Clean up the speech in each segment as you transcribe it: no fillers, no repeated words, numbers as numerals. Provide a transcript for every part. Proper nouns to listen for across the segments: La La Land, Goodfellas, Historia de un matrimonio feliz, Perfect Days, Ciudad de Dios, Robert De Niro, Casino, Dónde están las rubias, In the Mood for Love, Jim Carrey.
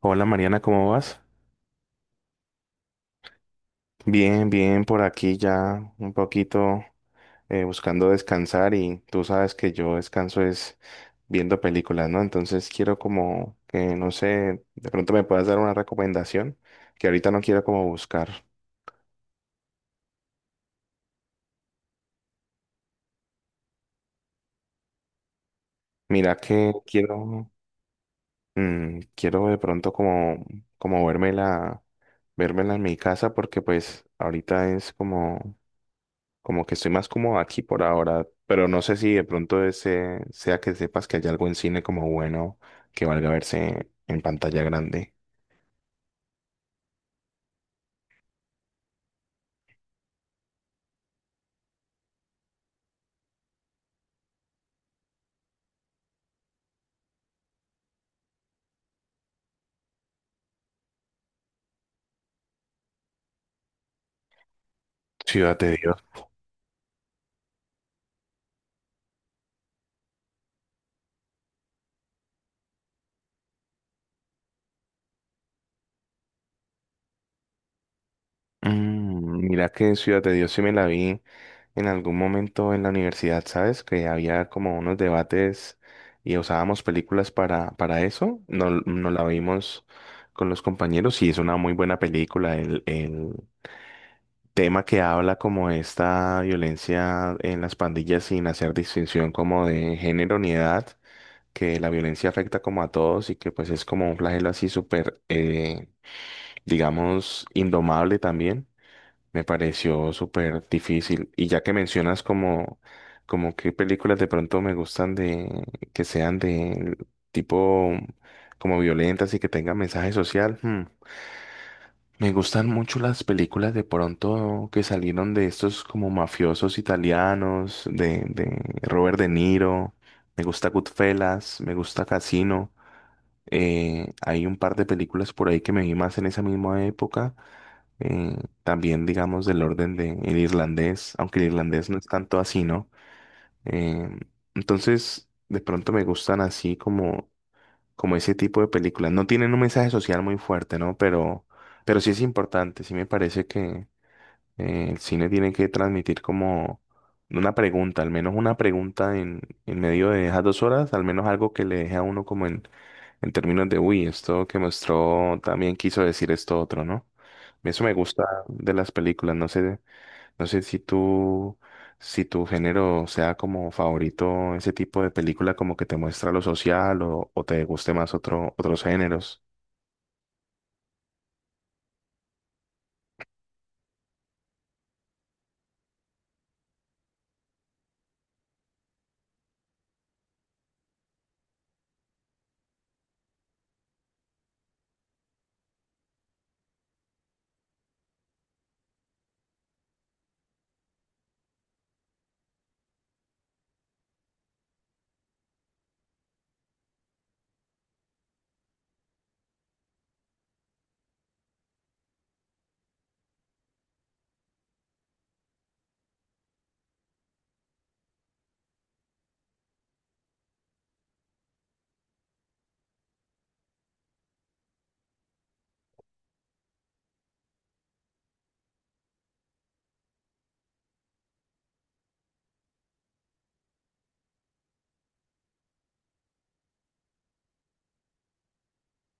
Hola Mariana, ¿cómo vas? Bien, por aquí ya un poquito buscando descansar y tú sabes que yo descanso es viendo películas, ¿no? Entonces quiero como que, no sé, de pronto me puedas dar una recomendación que ahorita no quiero como buscar. Mira que quiero, quiero de pronto como, como vérmela, vérmela en mi casa porque pues ahorita es como que estoy más como aquí por ahora, pero no sé si de pronto ese sea que sepas que hay algo en cine como bueno que valga verse en pantalla grande. Ciudad de Dios. Mira que Ciudad de Dios sí me la vi en algún momento en la universidad, ¿sabes? Que había como unos debates y usábamos películas para eso. No, no la vimos con los compañeros y es una muy buena película. El tema que habla como de esta violencia en las pandillas sin hacer distinción como de género ni edad, que la violencia afecta como a todos y que pues es como un flagelo así súper, digamos, indomable también. Me pareció súper difícil. Y ya que mencionas como, como qué películas de pronto me gustan de, que sean de tipo como violentas y que tengan mensaje social, me gustan mucho las películas de pronto que salieron de estos como mafiosos italianos, de Robert De Niro. Me gusta Goodfellas, me gusta Casino. Hay un par de películas por ahí que me vi más en esa misma época. eh, También, digamos, del orden de el irlandés, aunque el irlandés no es tanto así, ¿no? Eh, entonces, de pronto me gustan así como como ese tipo de películas. No tienen un mensaje social muy fuerte, ¿no? Pero sí es importante, sí me parece que el cine tiene que transmitir como una pregunta, al menos una pregunta en medio de esas dos horas, al menos algo que le deje a uno como en términos de, uy, esto que mostró también quiso decir esto otro, ¿no? Eso me gusta de las películas, no sé. No sé si tú, si tu género sea como favorito ese tipo de película como que te muestra lo social o te guste más otro, otros géneros.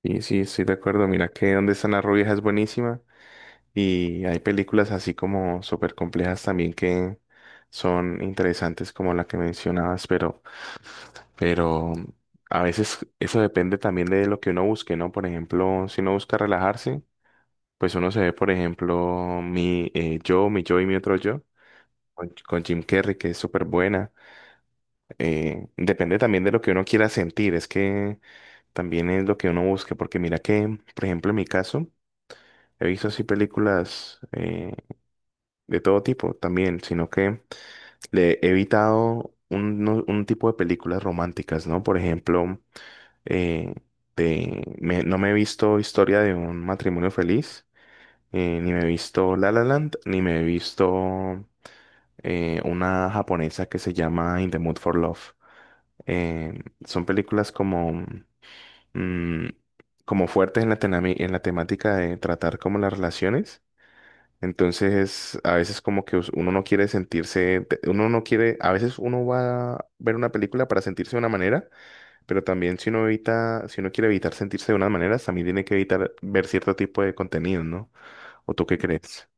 Y sí, estoy de acuerdo. Mira que Dónde están las rubias es buenísima y hay películas así como súper complejas también que son interesantes como la que mencionabas, pero a veces eso depende también de lo que uno busque, ¿no? Por ejemplo, si uno busca relajarse, pues uno se ve, por ejemplo, mi yo, mi yo y mi otro yo. Con Jim Carrey, que es súper buena. Depende también de lo que uno quiera sentir, es que también es lo que uno busque, porque mira que, por ejemplo, en mi caso, he visto así películas de todo tipo también, sino que le he evitado un, un tipo de películas románticas, ¿no? Por ejemplo, eh, no me he visto Historia de un matrimonio feliz, ni me he visto La La Land, ni me he visto una japonesa que se llama In the Mood for Love. Eh, son películas como, mm, como fuertes en la, en la temática de tratar como las relaciones. Entonces, a veces como que uno no quiere sentirse, uno no quiere, a veces uno va a ver una película para sentirse de una manera, pero también si uno evita, si uno quiere evitar sentirse de unas maneras, también tiene que evitar ver cierto tipo de contenido, ¿no? ¿O tú qué crees?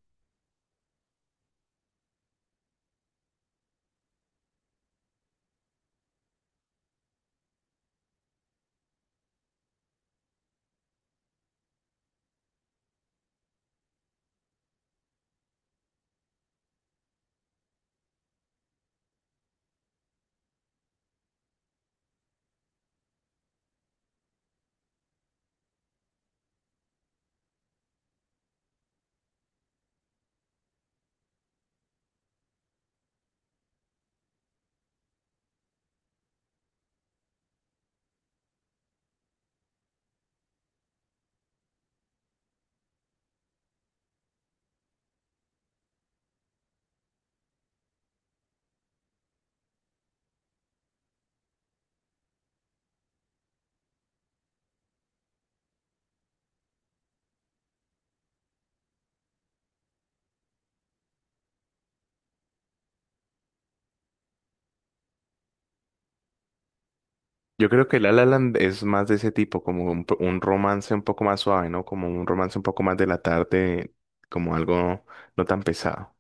Yo creo que La La Land es más de ese tipo, como un, un romance un poco más suave, ¿no? Como un romance un poco más de la tarde, como algo no tan pesado.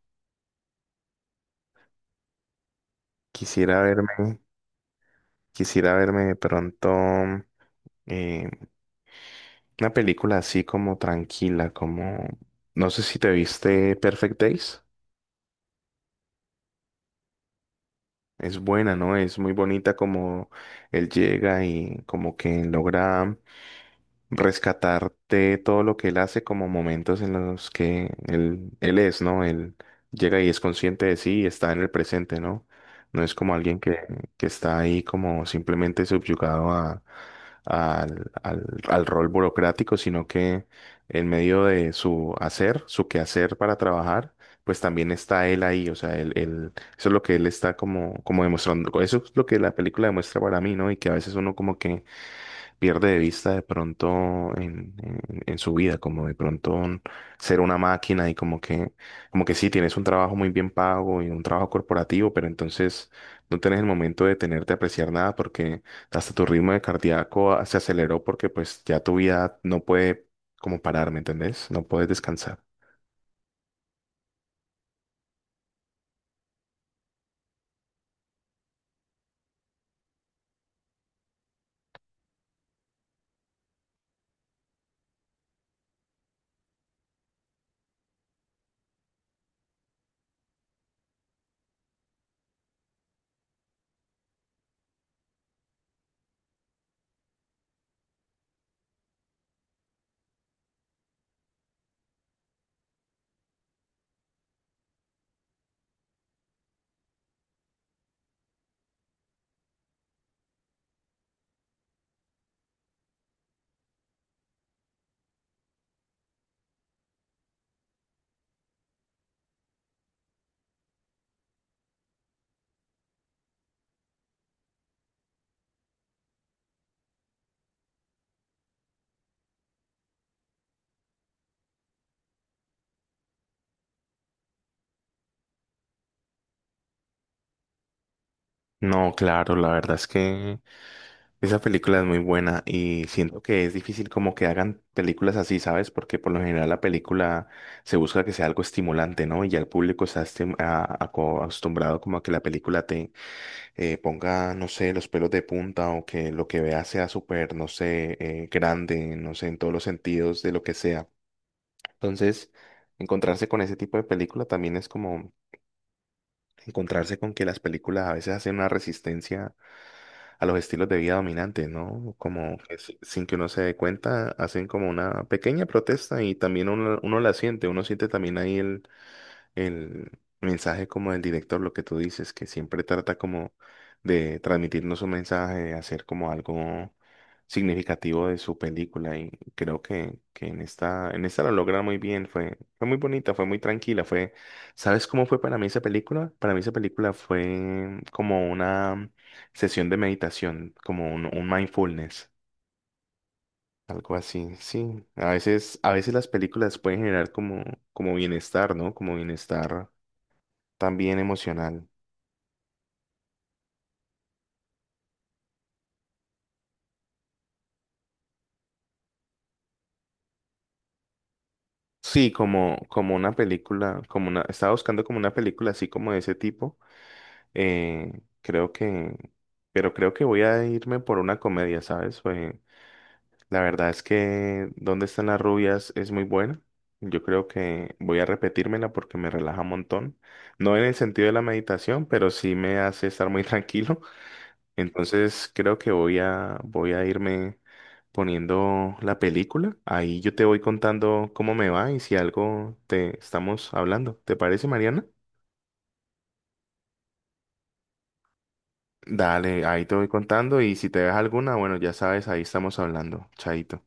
Quisiera verme, quisiera verme de pronto eh, una película así como tranquila, como... No sé si te viste Perfect Days. Es buena, ¿no? Es muy bonita como él llega y como que logra rescatar de todo lo que él hace como momentos en los que él es, ¿no? Él llega y es consciente de sí y está en el presente, ¿no? No es como alguien que está ahí como simplemente subyugado al, al, al rol burocrático, sino que en medio de su hacer, su quehacer para trabajar, pues también está él ahí, o sea, eso es lo que él está como, como demostrando, eso es lo que la película demuestra para mí, ¿no? Y que a veces uno como que pierde de vista de pronto en su vida, como de pronto ser una máquina y como que sí, tienes un trabajo muy bien pago y un trabajo corporativo, pero entonces no tenés el momento de tenerte a apreciar nada porque hasta tu ritmo de cardíaco se aceleró porque pues ya tu vida no puede como parar, ¿me entendés? No puedes descansar. No, claro, la verdad es que esa película es muy buena y siento que es difícil como que hagan películas así, ¿sabes? Porque por lo general la película se busca que sea algo estimulante, ¿no? Y ya el público está acostumbrado como a que la película te ponga, no sé, los pelos de punta o que lo que veas sea súper, no sé, grande, no sé, en todos los sentidos de lo que sea. Entonces, encontrarse con ese tipo de película también es como encontrarse con que las películas a veces hacen una resistencia a los estilos de vida dominantes, ¿no? Como que sin que uno se dé cuenta, hacen como una pequeña protesta y también uno la siente, uno siente también ahí el mensaje como del director, lo que tú dices, que siempre trata como de transmitirnos un mensaje, de hacer como algo significativo de su película y creo que en esta lo logra muy bien, fue muy bonita, fue muy tranquila, fue, ¿sabes cómo fue para mí esa película? Para mí esa película fue como una sesión de meditación, como un mindfulness. Algo así, sí. A veces las películas pueden generar como, como bienestar, ¿no? Como bienestar también emocional. Sí, como, como una película, como una, estaba buscando como una película así como de ese tipo. eh, Creo que, pero creo que voy a irme por una comedia, ¿sabes? Pues, la verdad es que ¿Dónde están las rubias? Es muy buena. Yo creo que voy a repetírmela porque me relaja un montón. No en el sentido de la meditación, pero sí me hace estar muy tranquilo. Entonces creo que voy a irme poniendo la película. Ahí yo te voy contando cómo me va y si algo te estamos hablando. ¿Te parece, Mariana? Dale, ahí te voy contando y si te ves alguna, bueno, ya sabes, ahí estamos hablando. Chaito.